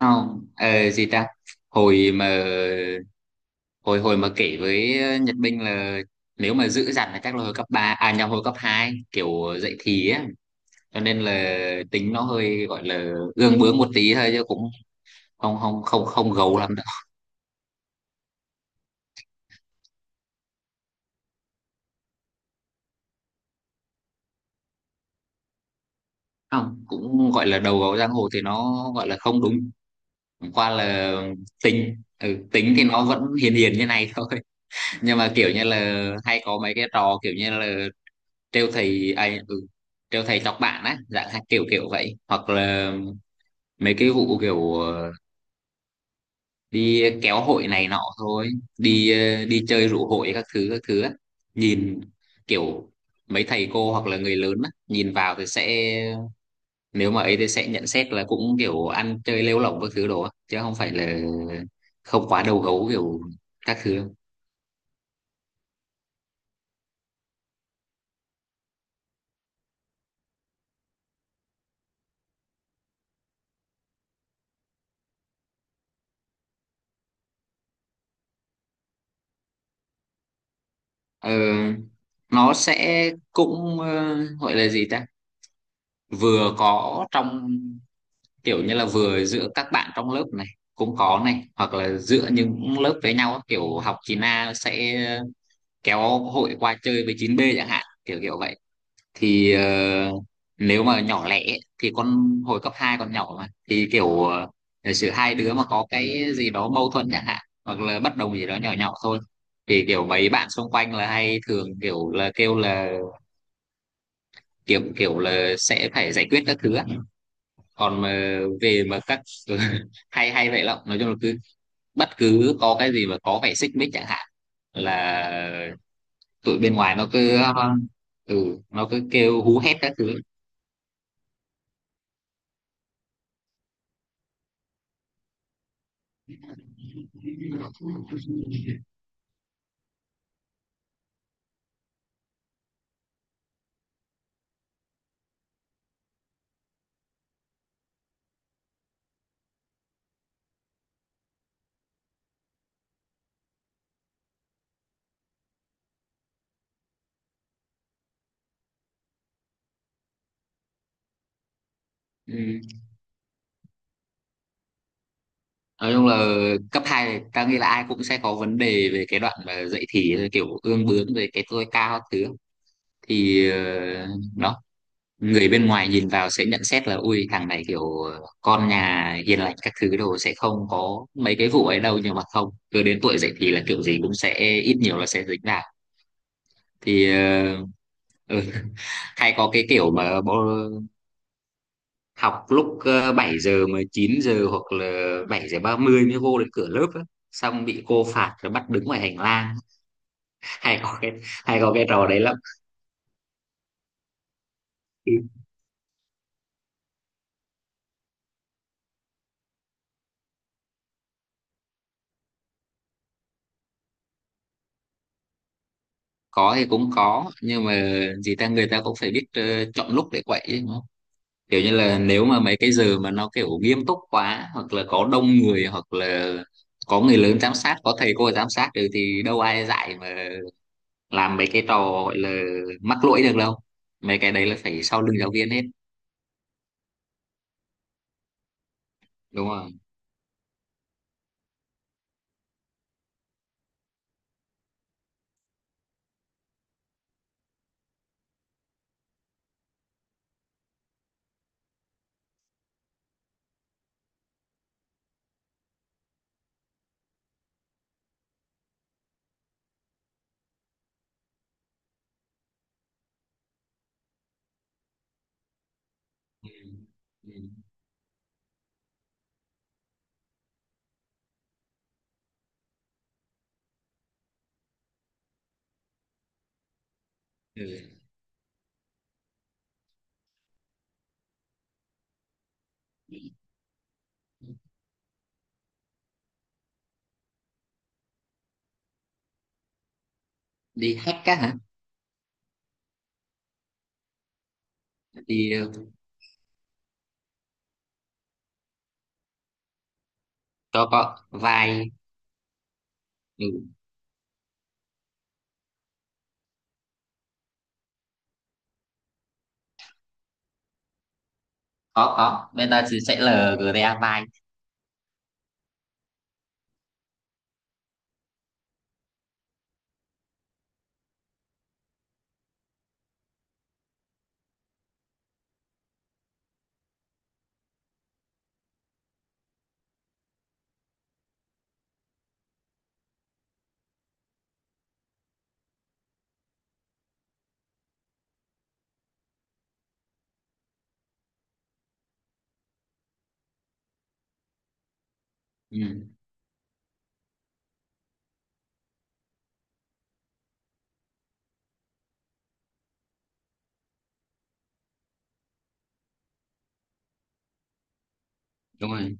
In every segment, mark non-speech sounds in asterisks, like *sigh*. Không ờ, gì ta hồi mà hồi hồi mà kể với Nhật Minh là nếu mà giữ dằn là chắc là hồi cấp 3 à nhầm hồi cấp hai, kiểu dậy thì á, cho nên là tính nó hơi gọi là gương bướng một tí thôi chứ cũng không không không không gấu lắm đâu. Không, cũng gọi là đầu gấu giang hồ thì nó gọi là không đúng. Chẳng qua là tính, tính thì nó vẫn hiền hiền như này thôi. *laughs* Nhưng mà kiểu như là hay có mấy cái trò kiểu như là trêu thầy ai, trêu thầy chọc bạn á dạng, hay kiểu kiểu vậy, hoặc là mấy cái vụ kiểu đi kéo hội này nọ thôi. đi Đi chơi rủ hội các thứ á. Nhìn kiểu mấy thầy cô hoặc là người lớn á nhìn vào thì sẽ, nếu mà ấy thì sẽ nhận xét là cũng kiểu ăn chơi lêu lỏng các thứ đồ á chứ không phải là không quá đầu gấu kiểu các thứ. ờ, nó sẽ cũng, gọi là gì ta, vừa có trong kiểu như là vừa giữa các bạn trong lớp này cũng có này, hoặc là giữa những lớp với nhau á, kiểu học chín a sẽ kéo hội qua chơi với chín b chẳng hạn, kiểu kiểu vậy. Thì nếu mà nhỏ lẻ ấy, thì con, hồi cấp 2 còn nhỏ mà thì kiểu giả sử hai đứa mà có cái gì đó mâu thuẫn chẳng hạn, hoặc là bất đồng gì đó nhỏ nhỏ thôi, thì kiểu mấy bạn xung quanh là hay thường kiểu là kêu là kiểu kiểu là sẽ phải giải quyết các thứ á. Còn mà về mà các *laughs* hay hay vậy lắm, nói chung là cứ bất cứ có cái gì mà có vẻ xích mích chẳng hạn là tụi bên ngoài nó cứ, ừ, nó cứ kêu hú hét các thứ. Ừ. Nói chung là cấp 2 này, ta nghĩ là ai cũng sẽ có vấn đề về cái đoạn mà dậy thì kiểu ương bướng về cái tôi cao các thứ. Thì đó, người bên ngoài nhìn vào sẽ nhận xét là ui thằng này kiểu con nhà hiền lành các thứ đồ sẽ không có mấy cái vụ ấy đâu, nhưng mà không, cứ đến tuổi dậy thì là kiểu gì cũng sẽ ít nhiều là sẽ dính vào. thì ờ, ừ, *laughs* Hay có cái kiểu mà học lúc 7 giờ mà 9 giờ hoặc là 7:30 mới vô đến cửa lớp á, xong bị cô phạt rồi bắt đứng ngoài hành lang. *laughs* hay có cái Hay có cái trò đấy lắm. Có thì cũng có, nhưng mà gì ta, người ta cũng phải biết chọn lúc để quậy chứ. Kiểu như là nếu mà mấy cái giờ mà nó kiểu nghiêm túc quá, hoặc là có đông người, hoặc là có người lớn giám sát, có thầy cô giám sát được thì đâu ai dạy mà làm mấy cái trò gọi là mắc lỗi được đâu. Mấy cái đấy là phải sau lưng giáo viên hết. Đúng không? Ừ. Ừ. Ừ. Đi hack á hả? đi ờ, có vai. Ừ, có bây giờ thì sẽ là GDA vai. Ừ. Đúng rồi.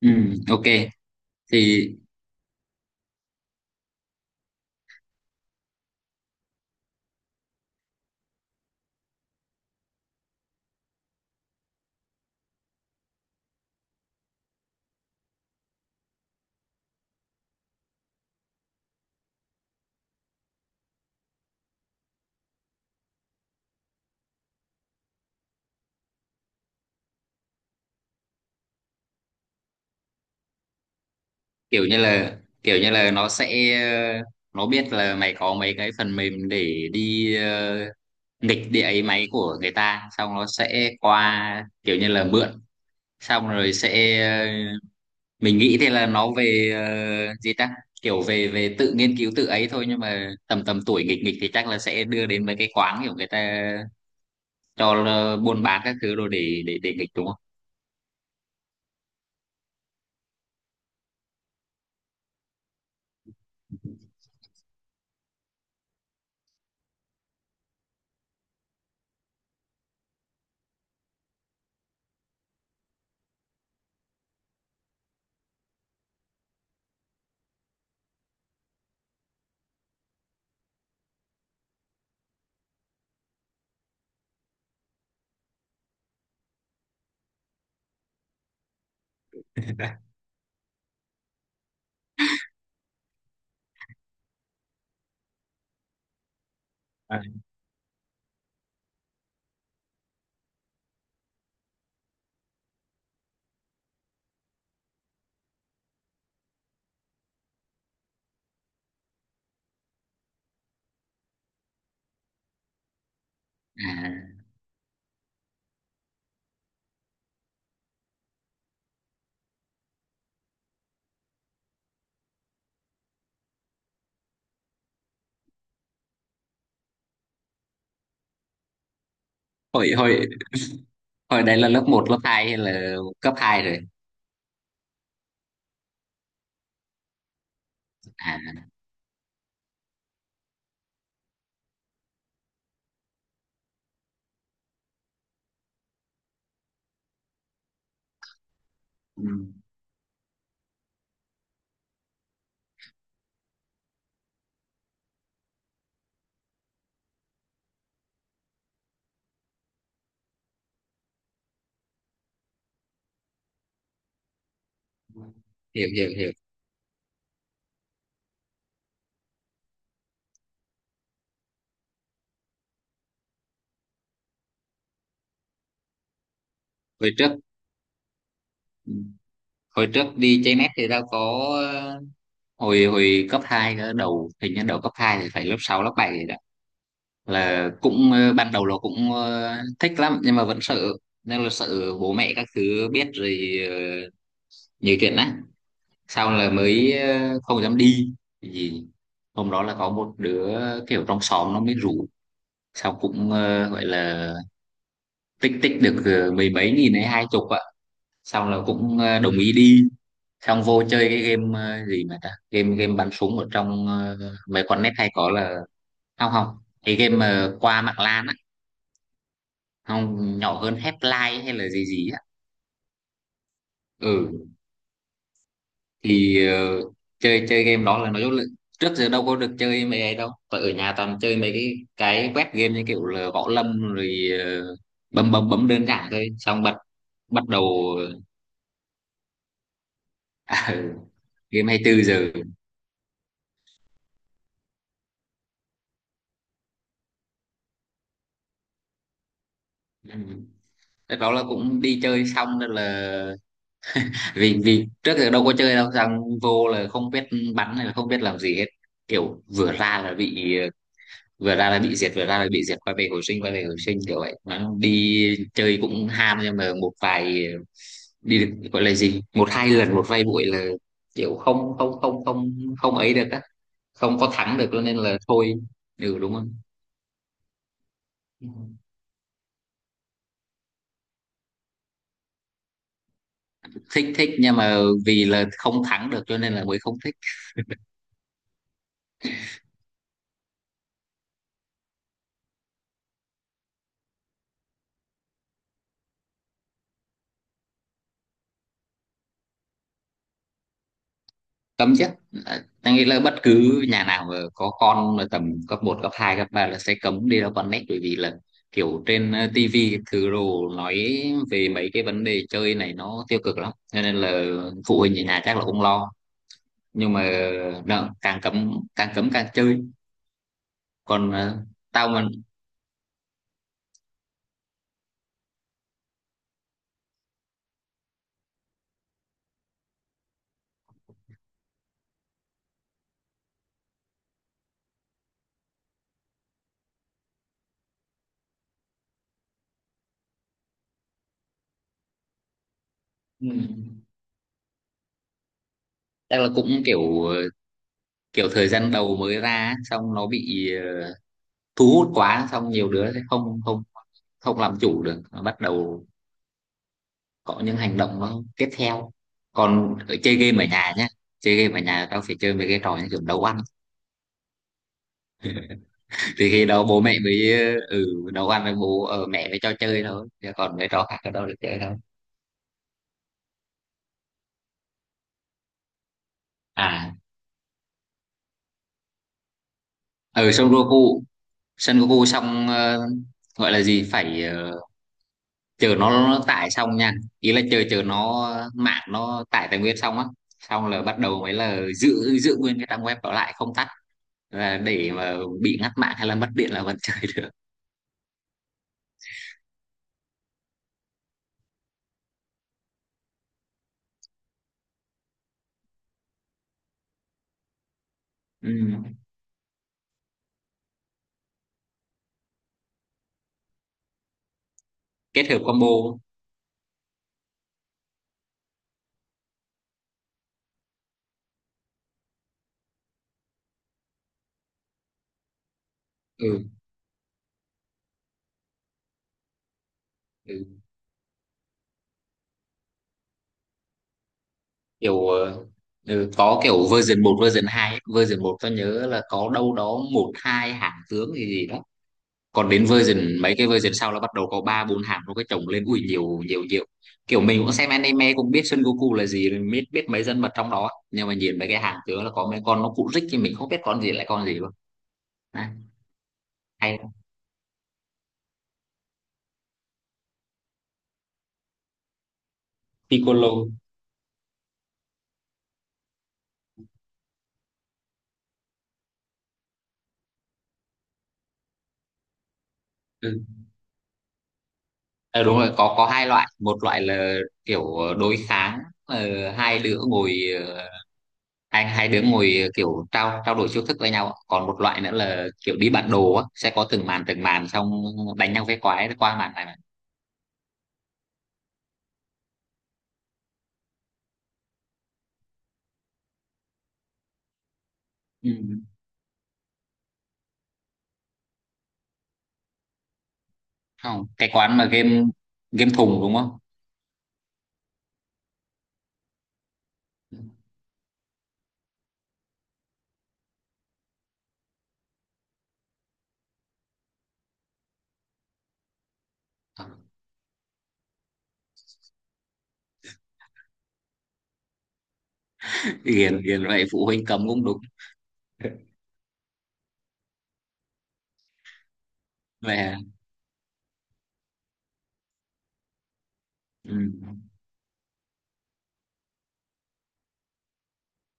Ừ. Ok. Thì kiểu như là, kiểu như là nó sẽ ờ, nó biết là mày có mấy cái phần mềm để đi nghịch địa ấy máy của người ta, xong nó sẽ qua kiểu như là mượn, xong rồi sẽ mình nghĩ thì là nó về ờ, gì ta kiểu về về tự nghiên cứu tự ấy thôi, nhưng mà tầm tầm tuổi nghịch nghịch thì chắc là sẽ đưa đến mấy cái quán kiểu người ta cho là buôn bán các thứ rồi để nghịch, đúng không? *laughs* À. À. hồi hồi hồi đấy là lớp một lớp 2 hay là cấp 2 rồi? À. Ừ. hiểu hiểu hiểu. Hồi trước. Ừ. Hồi trước đi chơi net thì tao có ờ, hồi hồi cấp 2 cơ, đầu hình như đầu cấp 2 thì phải lớp 6 lớp 7 rồi đó, là cũng ban đầu là cũng thích lắm nhưng mà vẫn sợ, nên là sợ bố mẹ các thứ biết rồi nhiều chuyện á, sau là mới không dám đi. Gì, hôm đó là có một đứa kiểu trong xóm nó mới rủ, sau cũng gọi là tích tích được mười mấy nghìn hay hai chục ạ, xong là cũng đồng ý đi. Xong vô chơi cái game gì mà ta, game game bắn súng ở trong mấy con net hay có là, không không, cái game mà qua mạng LAN á. Không, nhỏ hơn, Half-Life hay là gì gì á. Ừ thì chơi chơi game đó là, nói chung là trước giờ đâu có được chơi mấy ấy đâu, và ở nhà toàn chơi mấy cái web game như kiểu là gõ lâm rồi ờ, bấm bấm bấm đơn giản thôi, xong bật bắt đầu. *laughs* À, game 24 giờ. Ừ. Rất đó là cũng đi chơi xong rồi là, vì vì trước giờ đâu có chơi đâu, xong vô là không biết bắn hay là không biết làm gì hết, kiểu vừa ra là bị, vừa ra là bị diệt, vừa ra là bị diệt, quay về hồi sinh, quay về hồi sinh kiểu vậy. Nó đi chơi cũng ham nhưng mà một vài, đi được gọi là gì, một hai lần, một vài buổi là kiểu không không không không không ấy được á, không có thắng được cho nên là thôi. Ừ, đúng không. Thích thích nhưng mà vì là không thắng được cho nên là mới không thích. Cấm chứ. À, anh nghĩ là bất cứ nhà nào mà có con là tầm cấp một cấp 2 cấp 3 là sẽ cấm đi ra con net, bởi vì là kiểu trên tivi thứ đồ nói về mấy cái vấn đề chơi này nó tiêu cực lắm, cho nên là phụ huynh ở nhà chắc là cũng lo. Nhưng mà nợ, càng cấm càng chơi. Còn tao mà, ừ, chắc là cũng kiểu kiểu thời gian đầu mới ra á, xong nó bị thu hút quá, xong nhiều đứa sẽ không không không làm chủ được, bắt đầu có những hành động nó tiếp theo. Còn ở chơi game ở nhà nhá, chơi game ở nhà tao phải chơi mấy cái trò như kiểu nấu ăn. *laughs* Thì khi đó bố mẹ mới, ừ, nấu ăn với bố ở mẹ mới cho chơi thôi, chứ còn mấy trò khác ở đâu được chơi đâu. À, ở sân Goku, xong gọi là gì, phải chờ nó tải xong nha, ý là chờ chờ nó, mạng nó tải tài nguyên xong á, xong là bắt đầu mới là giữ giữ nguyên cái trang web đó lại không tắt, và để mà bị ngắt mạng hay là mất điện là vẫn *laughs* chơi được. Ừ. Kết hợp combo. Ừ. Ừ. Kiểu có kiểu version một version 2 ấy. Version một tôi nhớ là có đâu đó một hai hãng tướng gì gì đó. Còn đến version, mấy cái version sau là bắt đầu có ba bốn hãng, nó cái chồng lên ui nhiều nhiều nhiều, kiểu mình cũng xem anime cũng biết Son Goku là gì, mình biết biết mấy nhân vật trong đó, nhưng mà nhìn mấy cái hãng tướng là có mấy con nó cụ rích thì mình không biết con gì lại con gì luôn. À, hay lắm. Piccolo. Ừ. À, đúng rồi, có hai loại, một loại là kiểu đối kháng, ờ, hai đứa ngồi ờ, hai đứa ngồi kiểu trao trao đổi chiêu thức với nhau, còn một loại nữa là kiểu đi bản đồ á, sẽ có từng màn từng màn, xong đánh nhau với quái qua màn này mà. Ừ. Không, cái quán mà game, game thùng đúng không. Hiền hiền vậy phụ huynh cấm cũng đúng. Vậy à. Ừ.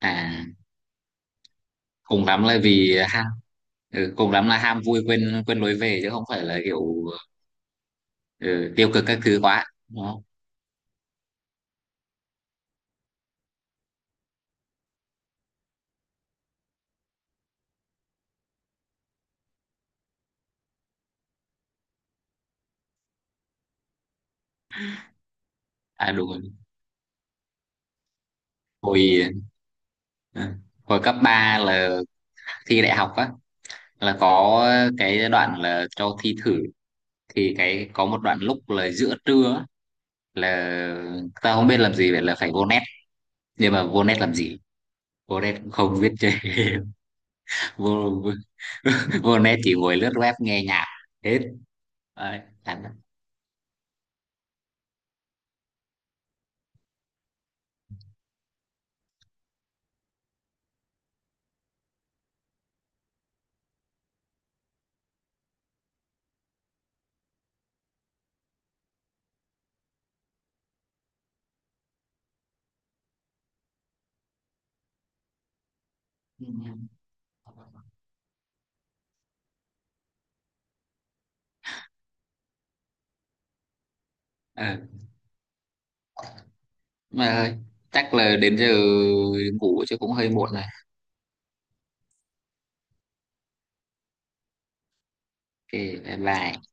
À, cùng lắm là vì ham, ừ, cùng lắm là ham vui quên quên lối về chứ không phải là kiểu, ừ, tiêu cực các thứ quá đúng không. À đúng rồi. hồi ừ, Hồi cấp 3 là thi đại học á, là có cái đoạn là cho thi thử, thì cái có một đoạn lúc là giữa trưa á, là ta không biết làm gì, vậy là phải vô net. Nhưng mà vô net làm gì, vô net cũng không biết chơi game. *laughs* vô vô, *laughs* Vô net chỉ ngồi lướt web nghe nhạc hết. Đấy, chán lắm. Ờ, mà thôi, chắc là đến giờ ngủ chứ cũng hơi muộn rồi. Ok, bye bye.